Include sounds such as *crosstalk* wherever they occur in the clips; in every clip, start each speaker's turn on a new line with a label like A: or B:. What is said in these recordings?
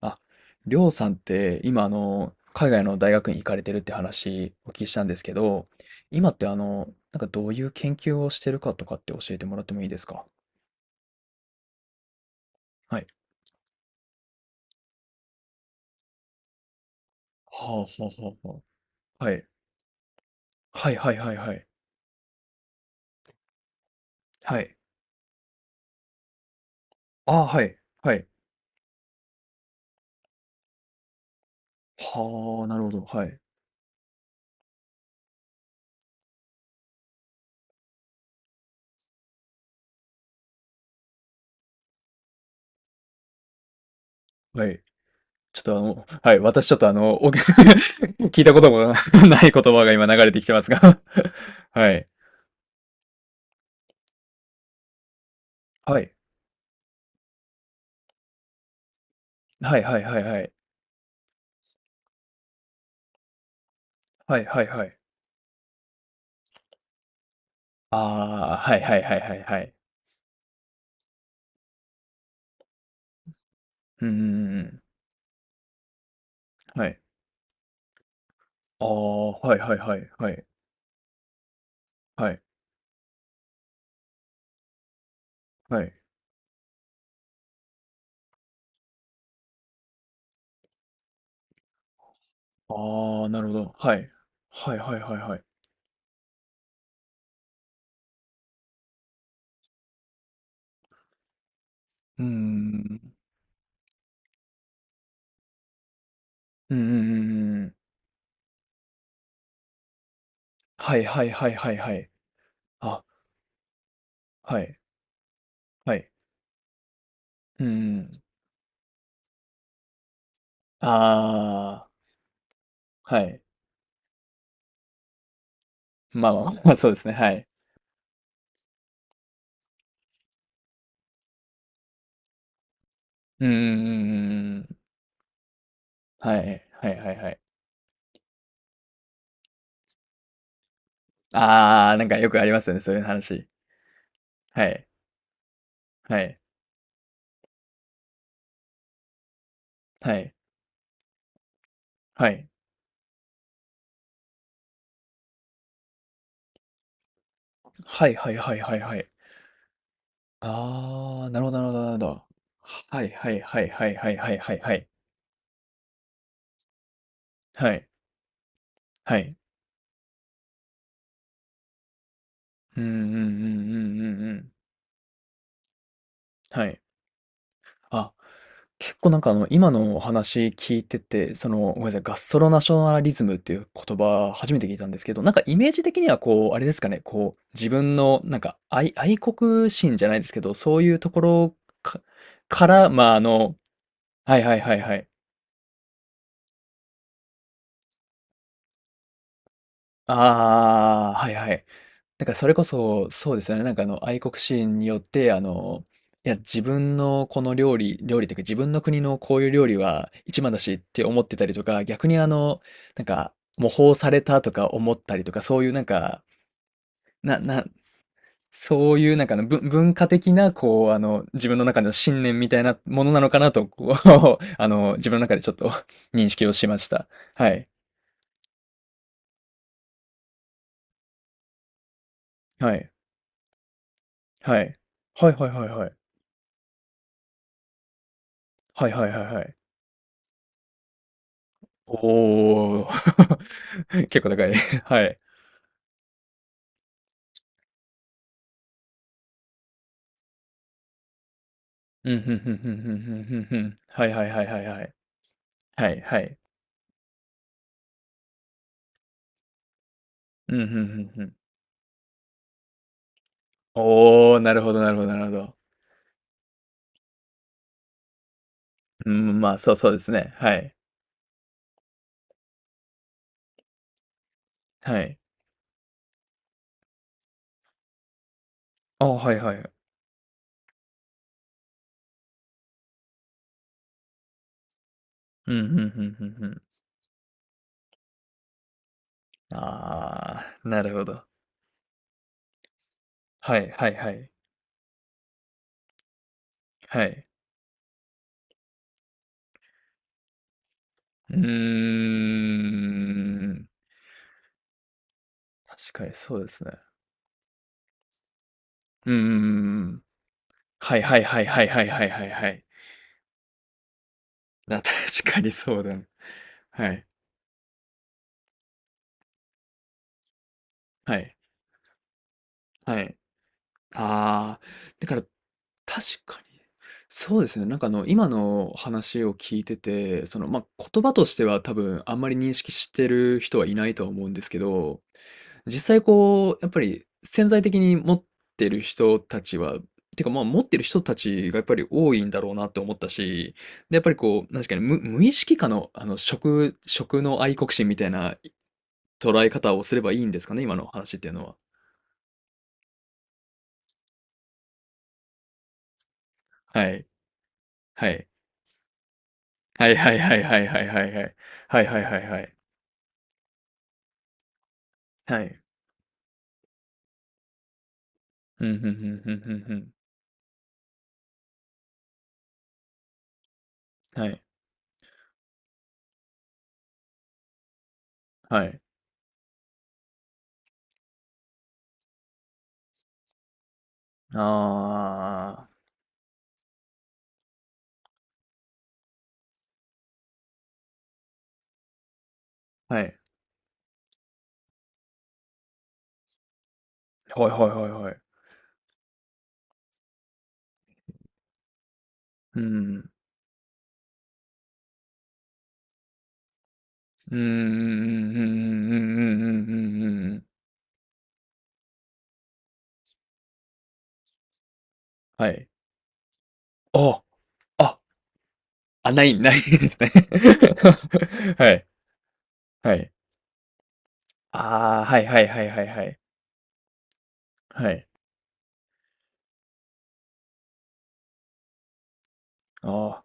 A: あ、りょうさんって今海外の大学に行かれてるって話お聞きしたんですけど、今ってどういう研究をしてるかとかって教えてもらってもいいですか。はい。はあ、はあ、はあ、はあ、はい。はいはいはいはい。はい。ああ、はい。はい。はあ、なるほど。はい。はい。ちょっとあの、はい。私ちょっとあの、お *laughs* 聞いたことも *laughs* ない言葉が今流れてきてますが。 *laughs* はい。はい。はいはいはいはい。はいはいはい。ああ、はいはいはいはいはい。うんうんうんうん。はい。ああ、はいはいはいはい。はい。はい。ああ、なるほど。はい。はいはいはいはい。うーん。うんうんうんうんうん。はいはいはいはいはい。あ、はい。はい。うんうん。ああ、はい。まあまあまあ、そうですね、はい。うんうんうんうん、はいはいはいはいはい、あ、はいはい、うん。ああ、なんかよくありますよね、そういう話。はい。はい。はい。はい。はいはいはいはいはい。ああ、なるほどなるほどなるほど。はいはいはいはいはいはいはいはい。はい。はい。うんうんうんうんうんうん。はい。あ、結構なんかあの、今のお話聞いてて、その、ごめんなさい、ガストロナショナリズムっていう言葉初めて聞いたんですけど、なんかイメージ的にはこう、あれですかね、こう、自分のなんか愛、愛国心じゃないですけど、そういうところか、から、まああの、はいはいはいはい。ああ、はいはい。だからそれこそ、そうですよね。なんかあの愛国心によって、あの、いや、自分のこの料理というか、自分の国のこういう料理は一番だしって思ってたりとか、逆にあの、なんか、模倣されたとか思ったりとか、そういうなんか、な、なそういうなんかあの、ぶ文化的な、こう、あの、自分の中の信念みたいなものなのかなと、こう、*laughs* あの、自分の中でちょっと *laughs* 認識をしました。はい。はい。はい。はいはいはいはい。はいはいはいはい。おお。*laughs* 結構高い。*laughs* はい。うん、ふんふんふんふんふんふんふん。はいはいはいはいはい。はいはい。うん、ふんふんふん。おお、なるほどなるほどなるほど。うん、まあ、そうそうですね。はい。はい。ああ、はいはい。うん、ふんふんふんふん。ああ、なるほど。はいはいはい。はい。うーん。確かにそうですね。うんうんうんうん。はいはいはいはいはいはいはいはい。な、確かにそうだね。はい。はい。はい。ああ、だから、確かに。そうですね。なんかあの、今の話を聞いてて、その、まあ、言葉としては多分あんまり認識してる人はいないとは思うんですけど、実際こう、やっぱり潜在的に持ってる人たちは、てか、ま、持ってる人たちがやっぱり多いんだろうなって思ったし、で、やっぱりこう、なすかね、無、無意識下のあの、食、食の愛国心みたいな、捉え方をすればいいんですかね？今の話っていうのは。はい。はい。はいはいはいはいはいはいはい。はいはいはいはい。はい。うん、ふんうんうんうんうん。はい。はい。ああ。はい。はいはいはいはい。うん。うんうんうんうんうんうんうんうんうんうん。はい。ああ。あ、ない、ないですね。*laughs* はい。はい。ああ、はいはいはいはいはい。はい。ああ。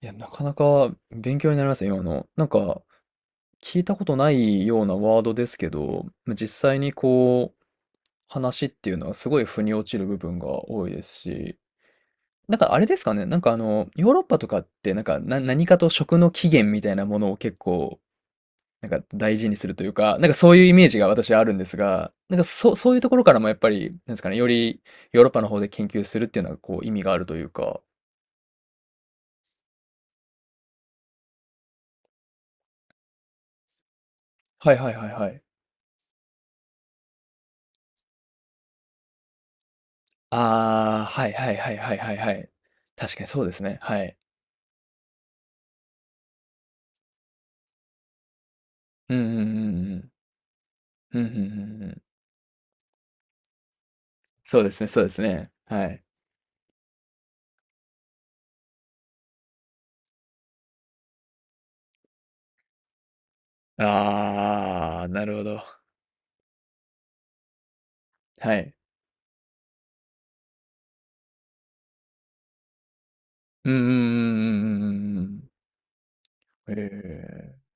A: いや、なかなか勉強になりますね、今の。なんか、聞いたことないようなワードですけど、実際にこう、話っていうのはすごい腑に落ちる部分が多いですし、なんかあれですかね、なんかあの、ヨーロッパとかって、なんか、な、何かと食の起源みたいなものを結構、なんか大事にするというか、なんかそういうイメージが私はあるんですが、なんかそ、そういうところからもやっぱり、なんですかね、よりヨーロッパの方で研究するっていうのはこう意味があるというか、はいはいはいはい。ああ、はいはいはいはいはいはい。確かにそうですね。はい。うんうんうんうん。うんうんうんうん。そうですね、そうですね。はい。ああ、なるほど。はい。うんうんうんうんうんうんうんうんええ、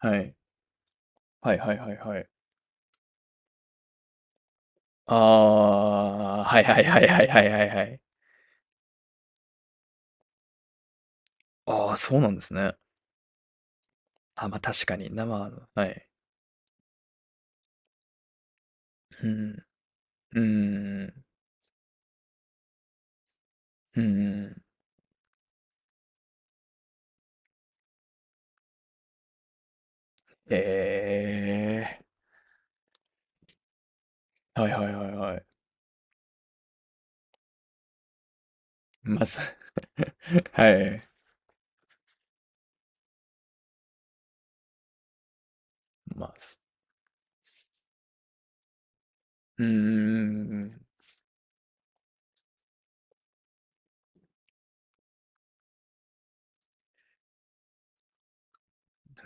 A: はい。はいはいはいはい。ああ、はいはいはいはいはいはいはい。ああ、そうなんですね。あ、ま、確かに生のはい。うん。うんうんうん。うんうんうん。ええ。はいはいはいはい。ま、さ、はい。ま、す、うんうんうんうんうん。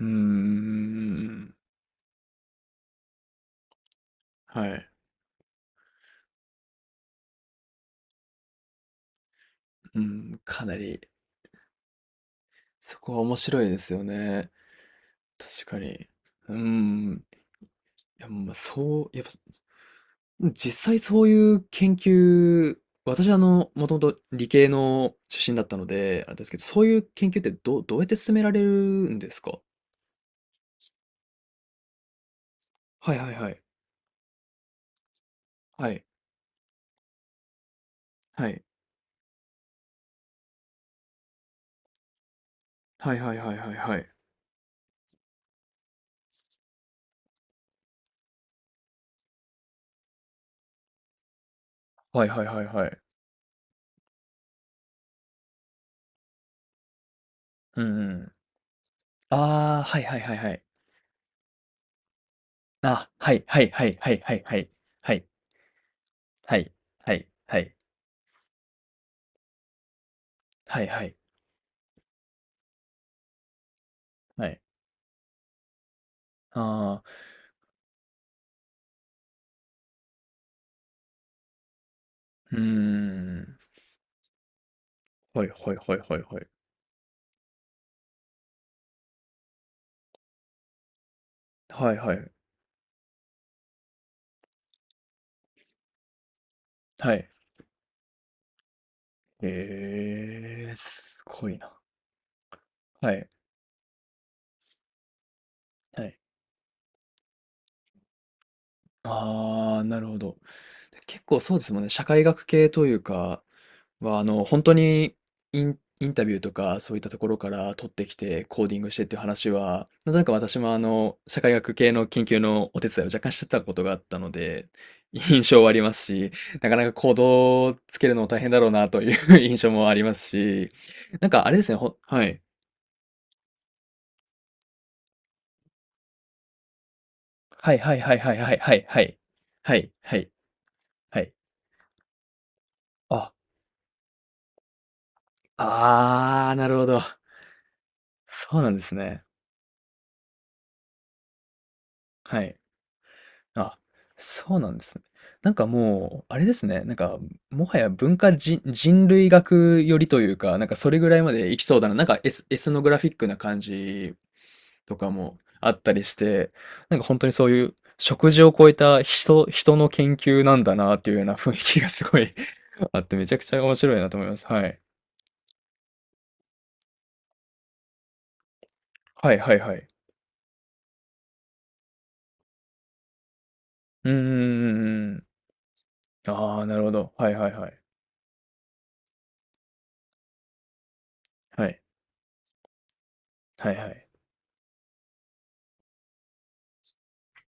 A: うんうんうん、えー、はいはいはいはい、まず *laughs* はい、まず、うんうんうんうんうんうん、はい、うん、かなり、そこは面白いですよね。確かに。うーん。いや、まあ、そう、やっぱ、実際そういう研究、私あの、もともと理系の出身だったので、あれですけど、そういう研究ってど、どうやって進められるんですか？はいはいはい。はい。はい。はいはいはいはいはい。はいはいはいはい。うんうん。ああ、はいはいはいはい。あ、はいはいはいはいはいはい。はい。はいはいはい。はいはい。はい。ああ、うーん。はいはいはいはいはい。はいはい。はい。ええ、すごいな。はい。はい。ああ、なるほど。で、結構そうですもんね、社会学系というかは、あの、本当にイン、インタビューとかそういったところから取ってきて、コーディングしてっていう話は、なんとなく私も、あの、社会学系の研究のお手伝いを若干してたことがあったので、*laughs* 印象はありますし、なかなか行動をつけるのも大変だろうなという *laughs* 印象もありますし、なんかあれですね、ほ、はい。はいはいはいはいはいはいはい。はいはいはい。あ、ああ、なるほど。そうなんですね。はい。あ、そうなんですね。なんかもう、あれですね、なんか、もはや文化人、人類学よりというか、なんかそれぐらいまでいきそうだな。なんかエス、エスノグラフィックな感じとかもあったりして、なんか本当にそういう食事を超えた人、人の研究なんだなっていうような雰囲気がすごい *laughs* あって、めちゃくちゃ面白いなと思います。はい。はいはいはい。うんうんうんうん。ああ、なるほど。はいはいはい。はい。はいはい。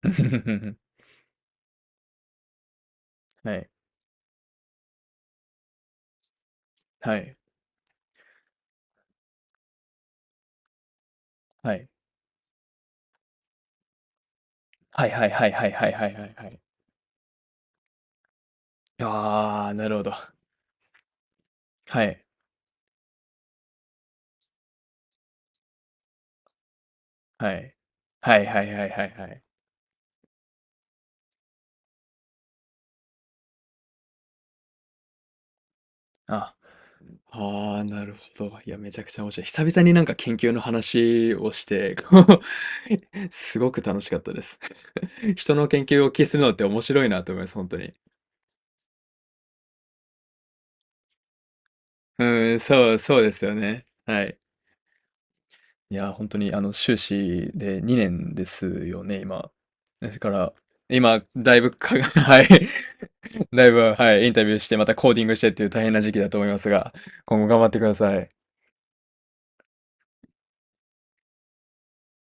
A: *laughs* はい。はい。はい。はいはいはいはいはいはいはいはい。ああ、なるほど。はい。はい。はいはいはいはいはい。あ、ああ、なるほど。いや、めちゃくちゃ面白い。久々になんか研究の話をして、こう *laughs* すごく楽しかったです。*laughs* 人の研究を聞きするのって面白いなと思います、本当に。うん、そう、そうですよね。はい。いや、ー本当にあの、修士で2年ですよね、今。ですから、今、だいぶかが、*laughs* はい。だいぶ、はい、インタビューして、またコーディングしてっていう大変な時期だと思いますが、今後頑張ってください。